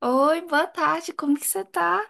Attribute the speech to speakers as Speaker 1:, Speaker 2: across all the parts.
Speaker 1: Oi, boa tarde, como que você tá?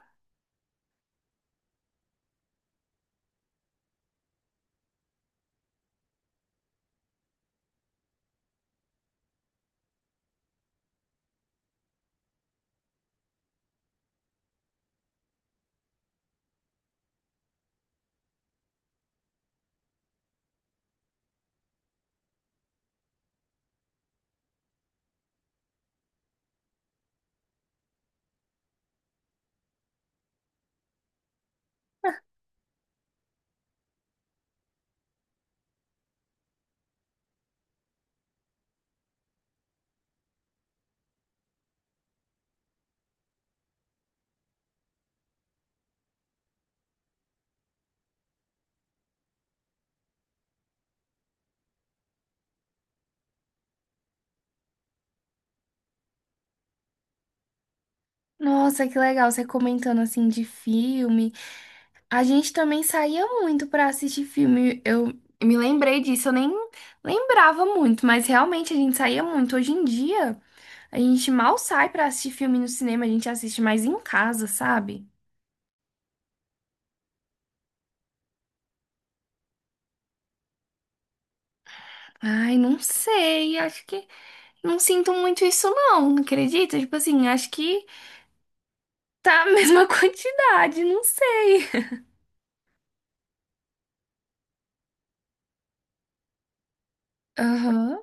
Speaker 1: Nossa, que legal você comentando assim de filme. A gente também saía muito pra assistir filme. Eu me lembrei disso, eu nem lembrava muito, mas realmente a gente saía muito. Hoje em dia, a gente mal sai pra assistir filme no cinema, a gente assiste mais em casa, sabe? Ai, não sei, acho que não sinto muito isso não, acredita? Tipo assim, acho que tá a mesma quantidade, não sei. Aham.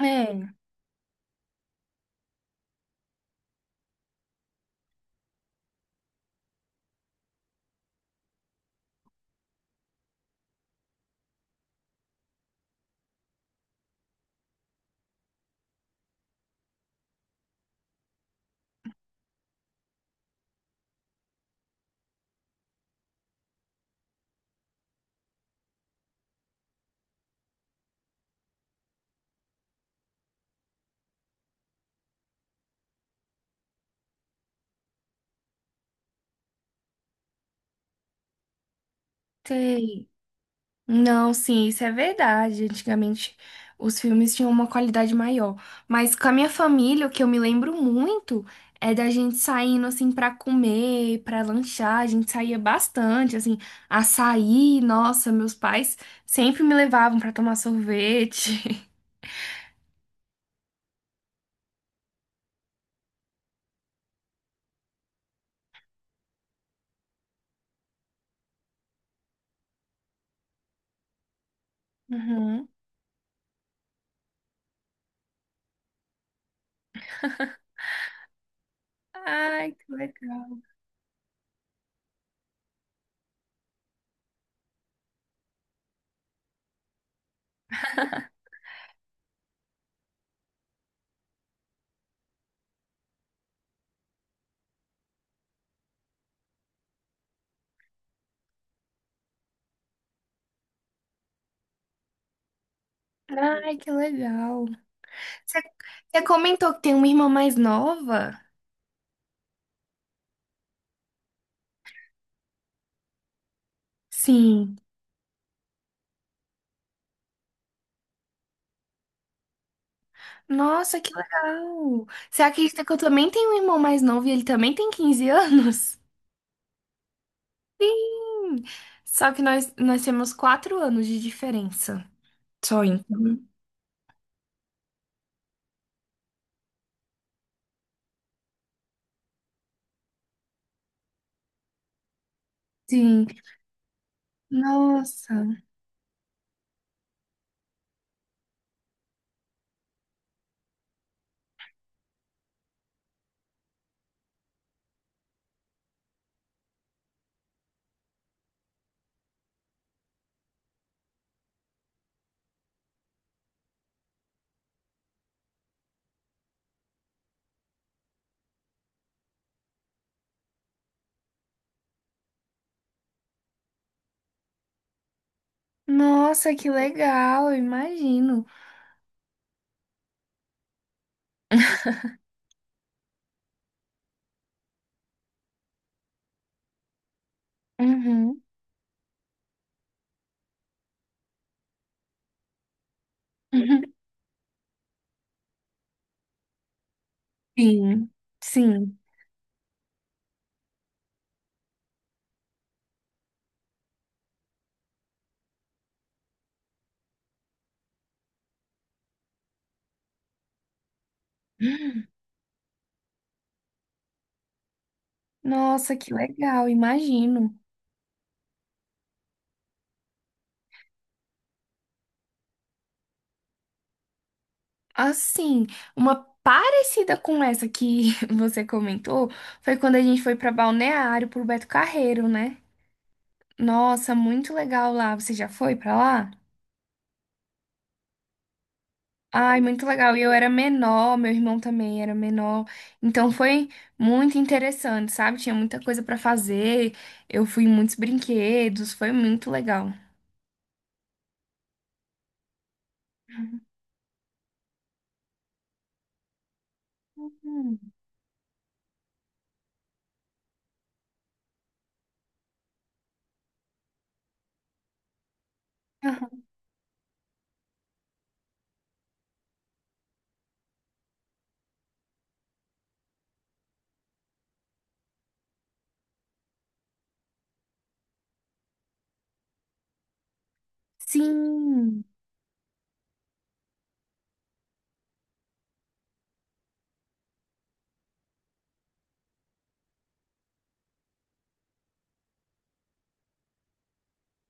Speaker 1: É, sei. Não, sim, isso é verdade. Antigamente os filmes tinham uma qualidade maior. Mas com a minha família, o que eu me lembro muito é da gente saindo assim pra comer, pra lanchar. A gente saía bastante, assim, açaí. Nossa, meus pais sempre me levavam pra tomar sorvete. Uhum. Ai, que legal. Ai, que legal. Você você comentou que tem uma irmã mais nova? Sim. Nossa, que legal! Você acredita que eu também tenho um irmão mais novo e ele também tem 15 anos? Hum, só que nós temos 4 anos de diferença. Só então. Sim. Nossa. Nossa, que legal, eu imagino. Uhum. Sim, sim. Nossa, que legal, imagino. Assim, uma parecida com essa que você comentou foi quando a gente foi para Balneário pro Beto Carreiro, né? Nossa, muito legal lá. Você já foi pra lá? Ai, muito legal. E eu era menor, meu irmão também era menor. Então foi muito interessante, sabe? Tinha muita coisa pra fazer. Eu fui em muitos brinquedos, foi muito legal. Hum. Aham. Sim,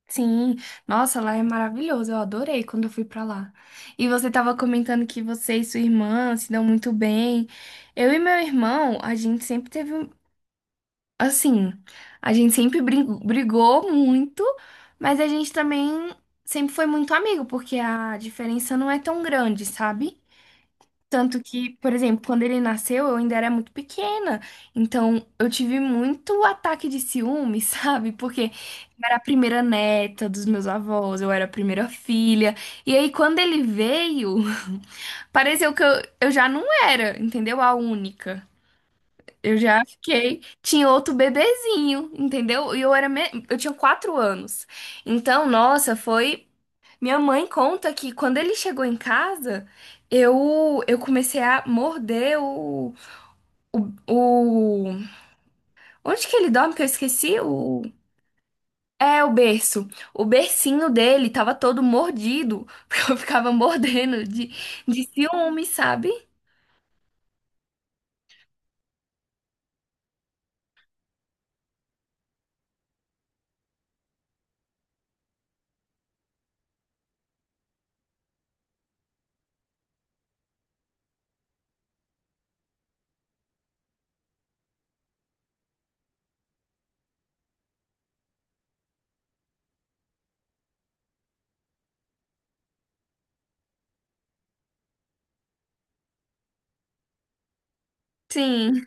Speaker 1: sim. Nossa, lá é maravilhoso. Eu adorei quando eu fui pra lá. E você tava comentando que você e sua irmã se dão muito bem. Eu e meu irmão, a gente sempre teve. Assim, a gente sempre brigou muito, mas a gente também sempre foi muito amigo, porque a diferença não é tão grande, sabe? Tanto que, por exemplo, quando ele nasceu, eu ainda era muito pequena, então eu tive muito ataque de ciúme, sabe? Porque eu era a primeira neta dos meus avós, eu era a primeira filha, e aí quando ele veio, pareceu que eu já não era, entendeu? A única. Eu já fiquei. Tinha outro bebezinho, entendeu? E eu era eu tinha 4 anos. Então, nossa, foi. Minha mãe conta que quando ele chegou em casa, eu comecei a morder o, o... Onde que ele dorme que eu esqueci? O é, o berço. O bercinho dele tava todo mordido, porque eu ficava mordendo de ciúme, sabe? Sim.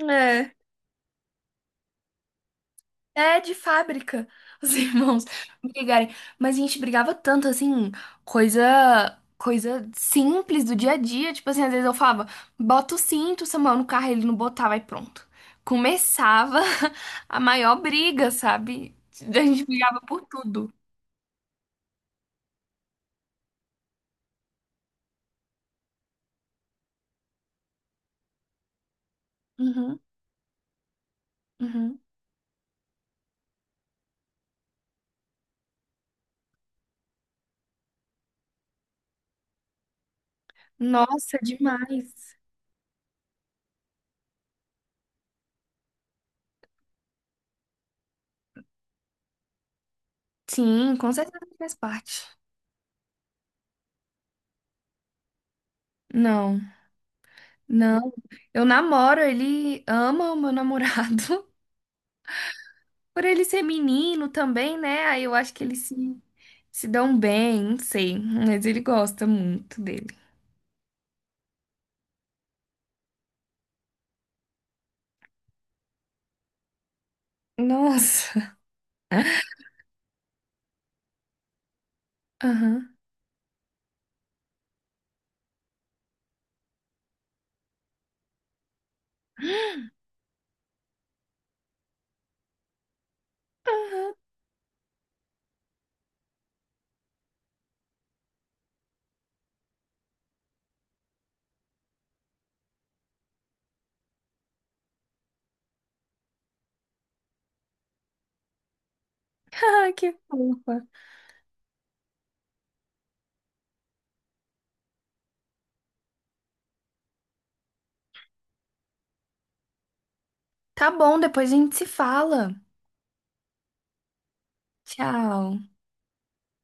Speaker 1: é. É de fábrica, os irmãos brigarem. Mas a gente brigava tanto, assim, coisa, coisa simples do dia a dia. Tipo assim, às vezes eu falava, bota o cinto, Samuel, no carro, ele não botava e pronto. Começava a maior briga, sabe? A gente brigava por tudo. Uhum, uhum. Nossa, demais. Sim, com certeza faz parte. Não, não. Eu namoro, ele ama o meu namorado. Por ele ser menino também, né? Aí eu acho que eles se, se dão bem, não sei. Mas ele gosta muito dele. Nossa. Aham. Ai, que fofa. Tá bom, depois a gente se fala. Tchau.